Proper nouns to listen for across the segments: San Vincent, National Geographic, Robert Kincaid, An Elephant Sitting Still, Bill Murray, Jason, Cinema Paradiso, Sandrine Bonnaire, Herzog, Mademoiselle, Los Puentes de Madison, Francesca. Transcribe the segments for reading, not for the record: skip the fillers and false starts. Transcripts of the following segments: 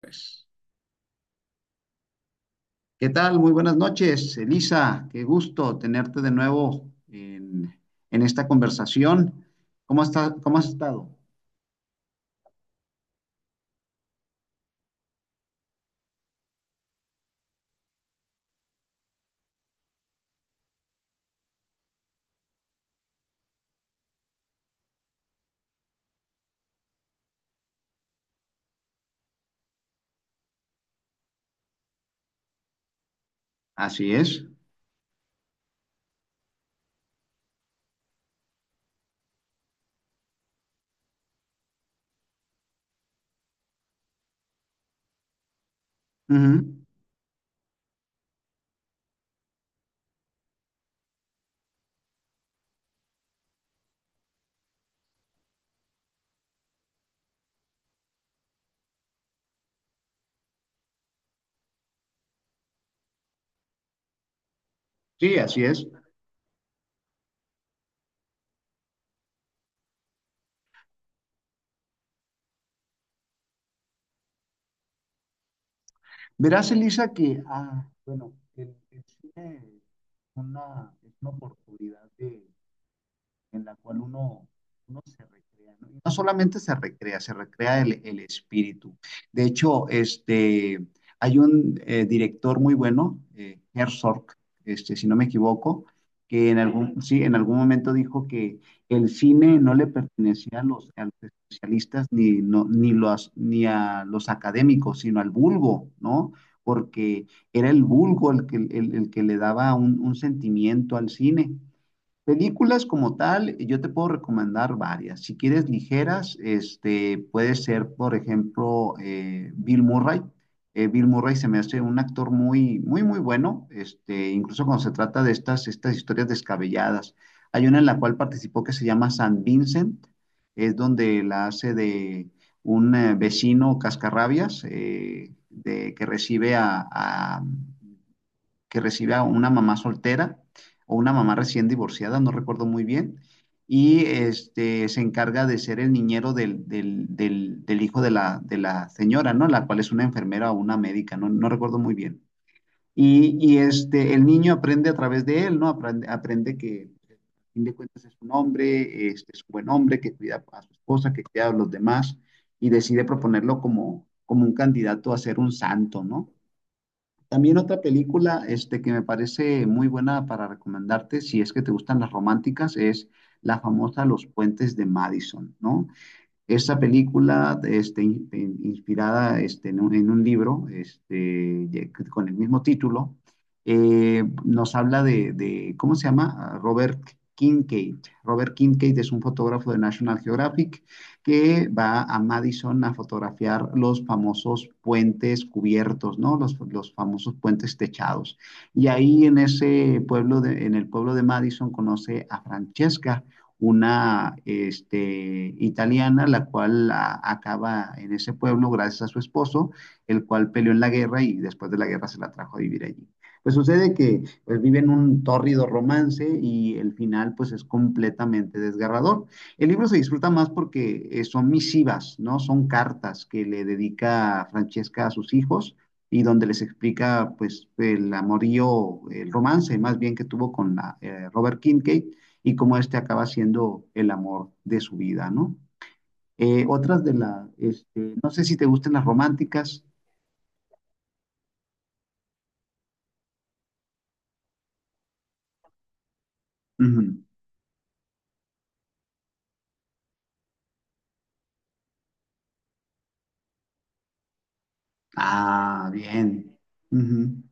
Pues, ¿qué tal? Muy buenas noches, Elisa. Qué gusto tenerte de nuevo en esta conversación. ¿Cómo está, cómo has estado? Así es. Ujú. Sí, así es. Verás, Elisa, que, bueno, el cine es una oportunidad de, en la cual uno se recrea, ¿no? Y no solamente se recrea el espíritu. De hecho, hay un director muy bueno, Herzog, si no me equivoco, que en algún, sí, en algún momento dijo que el cine no le pertenecía a a los especialistas ni, no, ni, los, ni a los académicos, sino al vulgo, ¿no? Porque era el vulgo el que le daba un sentimiento al cine. Películas como tal, yo te puedo recomendar varias. Si quieres ligeras, puede ser, por ejemplo, Bill Murray. Bill Murray se me hace un actor muy, muy, muy bueno, incluso cuando se trata de estas historias descabelladas. Hay una en la cual participó que se llama San Vincent. Es donde la hace de un vecino cascarrabias que recibe a una mamá soltera o una mamá recién divorciada, no recuerdo muy bien, y se encarga de ser el niñero del hijo de de la señora, ¿no? La cual es una enfermera o una médica. No no, recuerdo muy bien. El niño aprende a través de él, ¿no? Aprende que, a fin de cuentas, es un hombre, es un buen hombre que cuida a su esposa, que cuida a los demás, y decide proponerlo como un candidato a ser un santo, ¿no? También otra película que me parece muy buena para recomendarte, si es que te gustan las románticas, es la famosa Los Puentes de Madison, ¿no? Esta película, inspirada en un libro con el mismo título, nos habla ¿cómo se llama? Ah, Robert Kincaid. Robert Kincaid es un fotógrafo de National Geographic que va a Madison a fotografiar los famosos puentes cubiertos, ¿no? Los famosos puentes techados. Y ahí en ese pueblo, en el pueblo de Madison, conoce a Francesca, una italiana, la cual acaba en ese pueblo gracias a su esposo, el cual peleó en la guerra y después de la guerra se la trajo a vivir allí. Pues sucede que, pues, viven un tórrido romance, y el final pues es completamente desgarrador. El libro se disfruta más porque, son misivas, ¿no? Son cartas que le dedica Francesca a sus hijos y donde les explica pues el amorío, el romance más bien que tuvo con Robert Kincaid, y cómo este acaba siendo el amor de su vida, ¿no? Otras de no sé si te gustan las románticas. Ujú. Ah, bien. Ujú,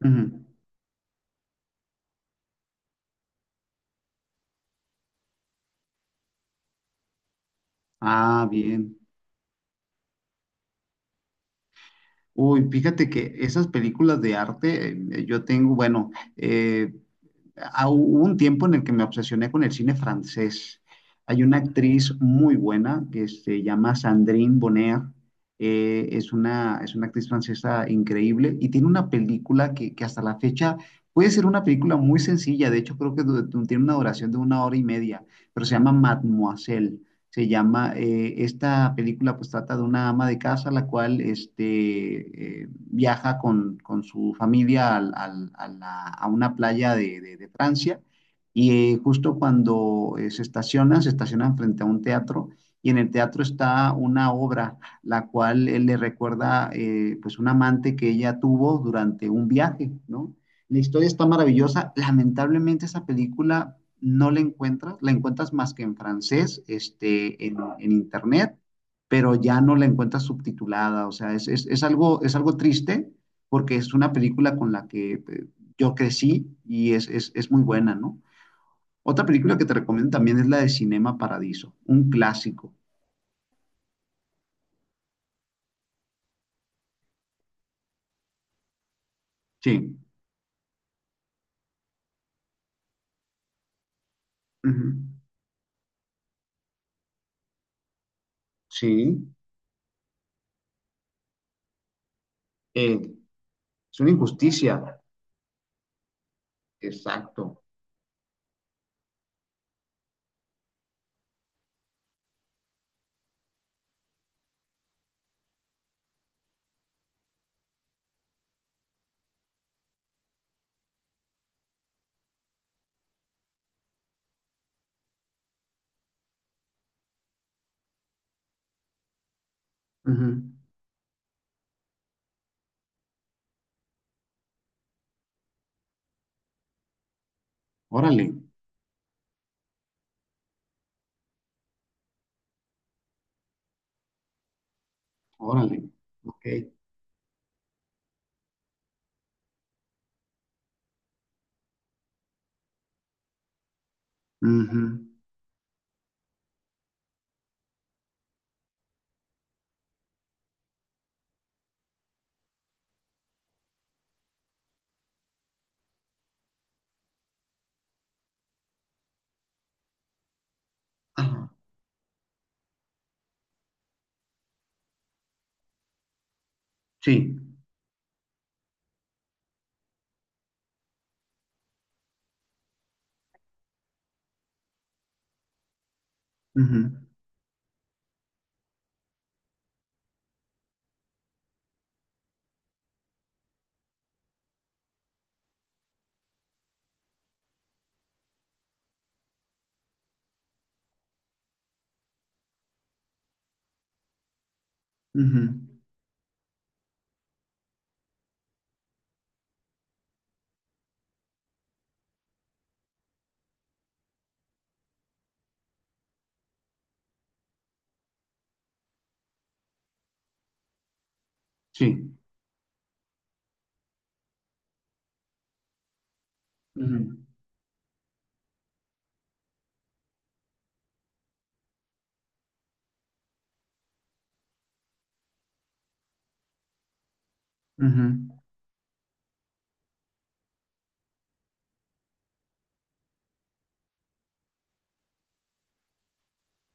ujú. Ah, bien. Uy, fíjate que esas películas de arte, yo tengo, bueno, eh, hubo un tiempo en el que me obsesioné con el cine francés. Hay una actriz muy buena que se llama Sandrine Bonnaire. Es una actriz francesa increíble, y tiene una película que hasta la fecha puede ser una película muy sencilla. De hecho, creo que tiene una duración de 1 hora y media, pero se llama Mademoiselle. Esta película pues trata de una ama de casa, la cual viaja con su familia a una playa de Francia, y justo cuando se estacionan frente a un teatro, y en el teatro está una obra la cual él le recuerda, pues un amante que ella tuvo durante un viaje, ¿no? La historia está maravillosa. Lamentablemente, esa película no la encuentras, la encuentras más que en francés, en, internet, pero ya no la encuentras subtitulada. O sea, es algo triste, porque es una película con la que, yo crecí, y es muy buena, ¿no? Otra película que te recomiendo también es la de Cinema Paradiso, un clásico. Sí. Ujú. Sí. Eh, es una injusticia. Exacto. Ujú. Órale. Órale, ok. Ujú. Ajá, sí. Ujú, ujú, sí. Ujú, ujú,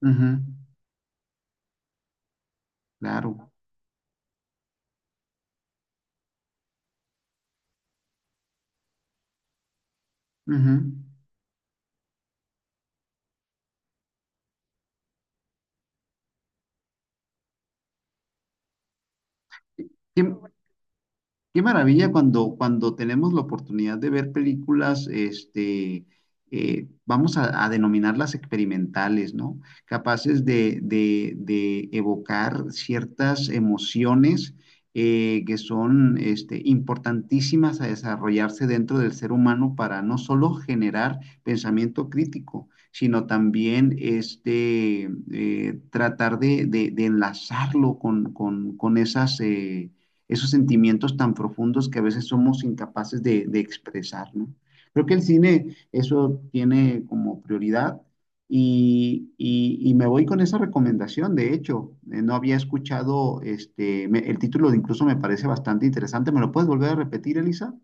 ujú, claro. Ujú. ¿Qué, Qué maravilla cuando tenemos la oportunidad de ver películas, vamos a denominarlas experimentales, ¿no? Capaces de evocar ciertas emociones, que son, importantísimas a desarrollarse dentro del ser humano, para no solo generar pensamiento crítico, sino también tratar de enlazarlo con esos sentimientos tan profundos que a veces somos incapaces de expresar, ¿no? Creo que el cine eso tiene como prioridad, y, y me voy con esa recomendación. De hecho, no había escuchado, el título de, incluso me parece bastante interesante. ¿Me lo puedes volver a repetir, Elisa?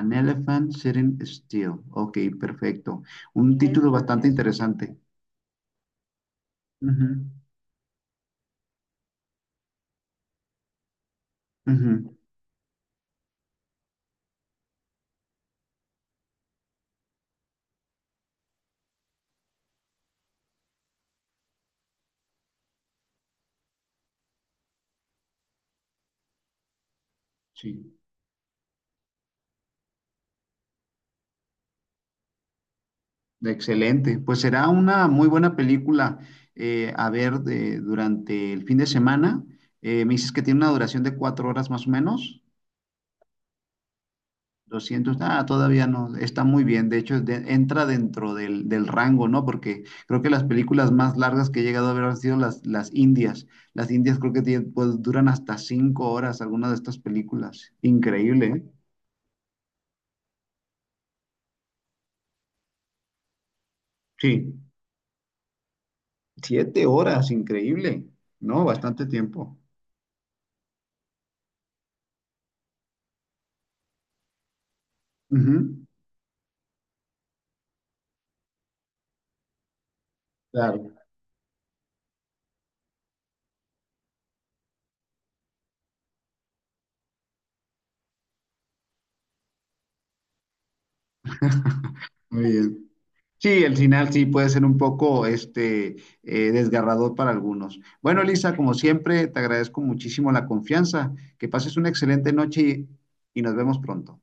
An Elephant Sitting Still. Ok, perfecto, un título bastante interesante. Ujú, ujú, sí. Excelente. Pues será una muy buena película, a ver, durante el fin de semana. Me dices que tiene una duración de 4 horas más o menos. Todavía no, está muy bien. De hecho, entra dentro del rango, ¿no? Porque creo que las películas más largas que he llegado a ver han sido las indias. Las indias creo que pues, duran hasta 5 horas algunas de estas películas. Increíble, ¿eh? Sí, 7 horas, increíble. No, bastante tiempo. Ujú, claro, muy bien. Sí, el final sí puede ser un poco, desgarrador para algunos. Bueno, Elisa, como siempre, te agradezco muchísimo la confianza. Que pases una excelente noche, y nos vemos pronto.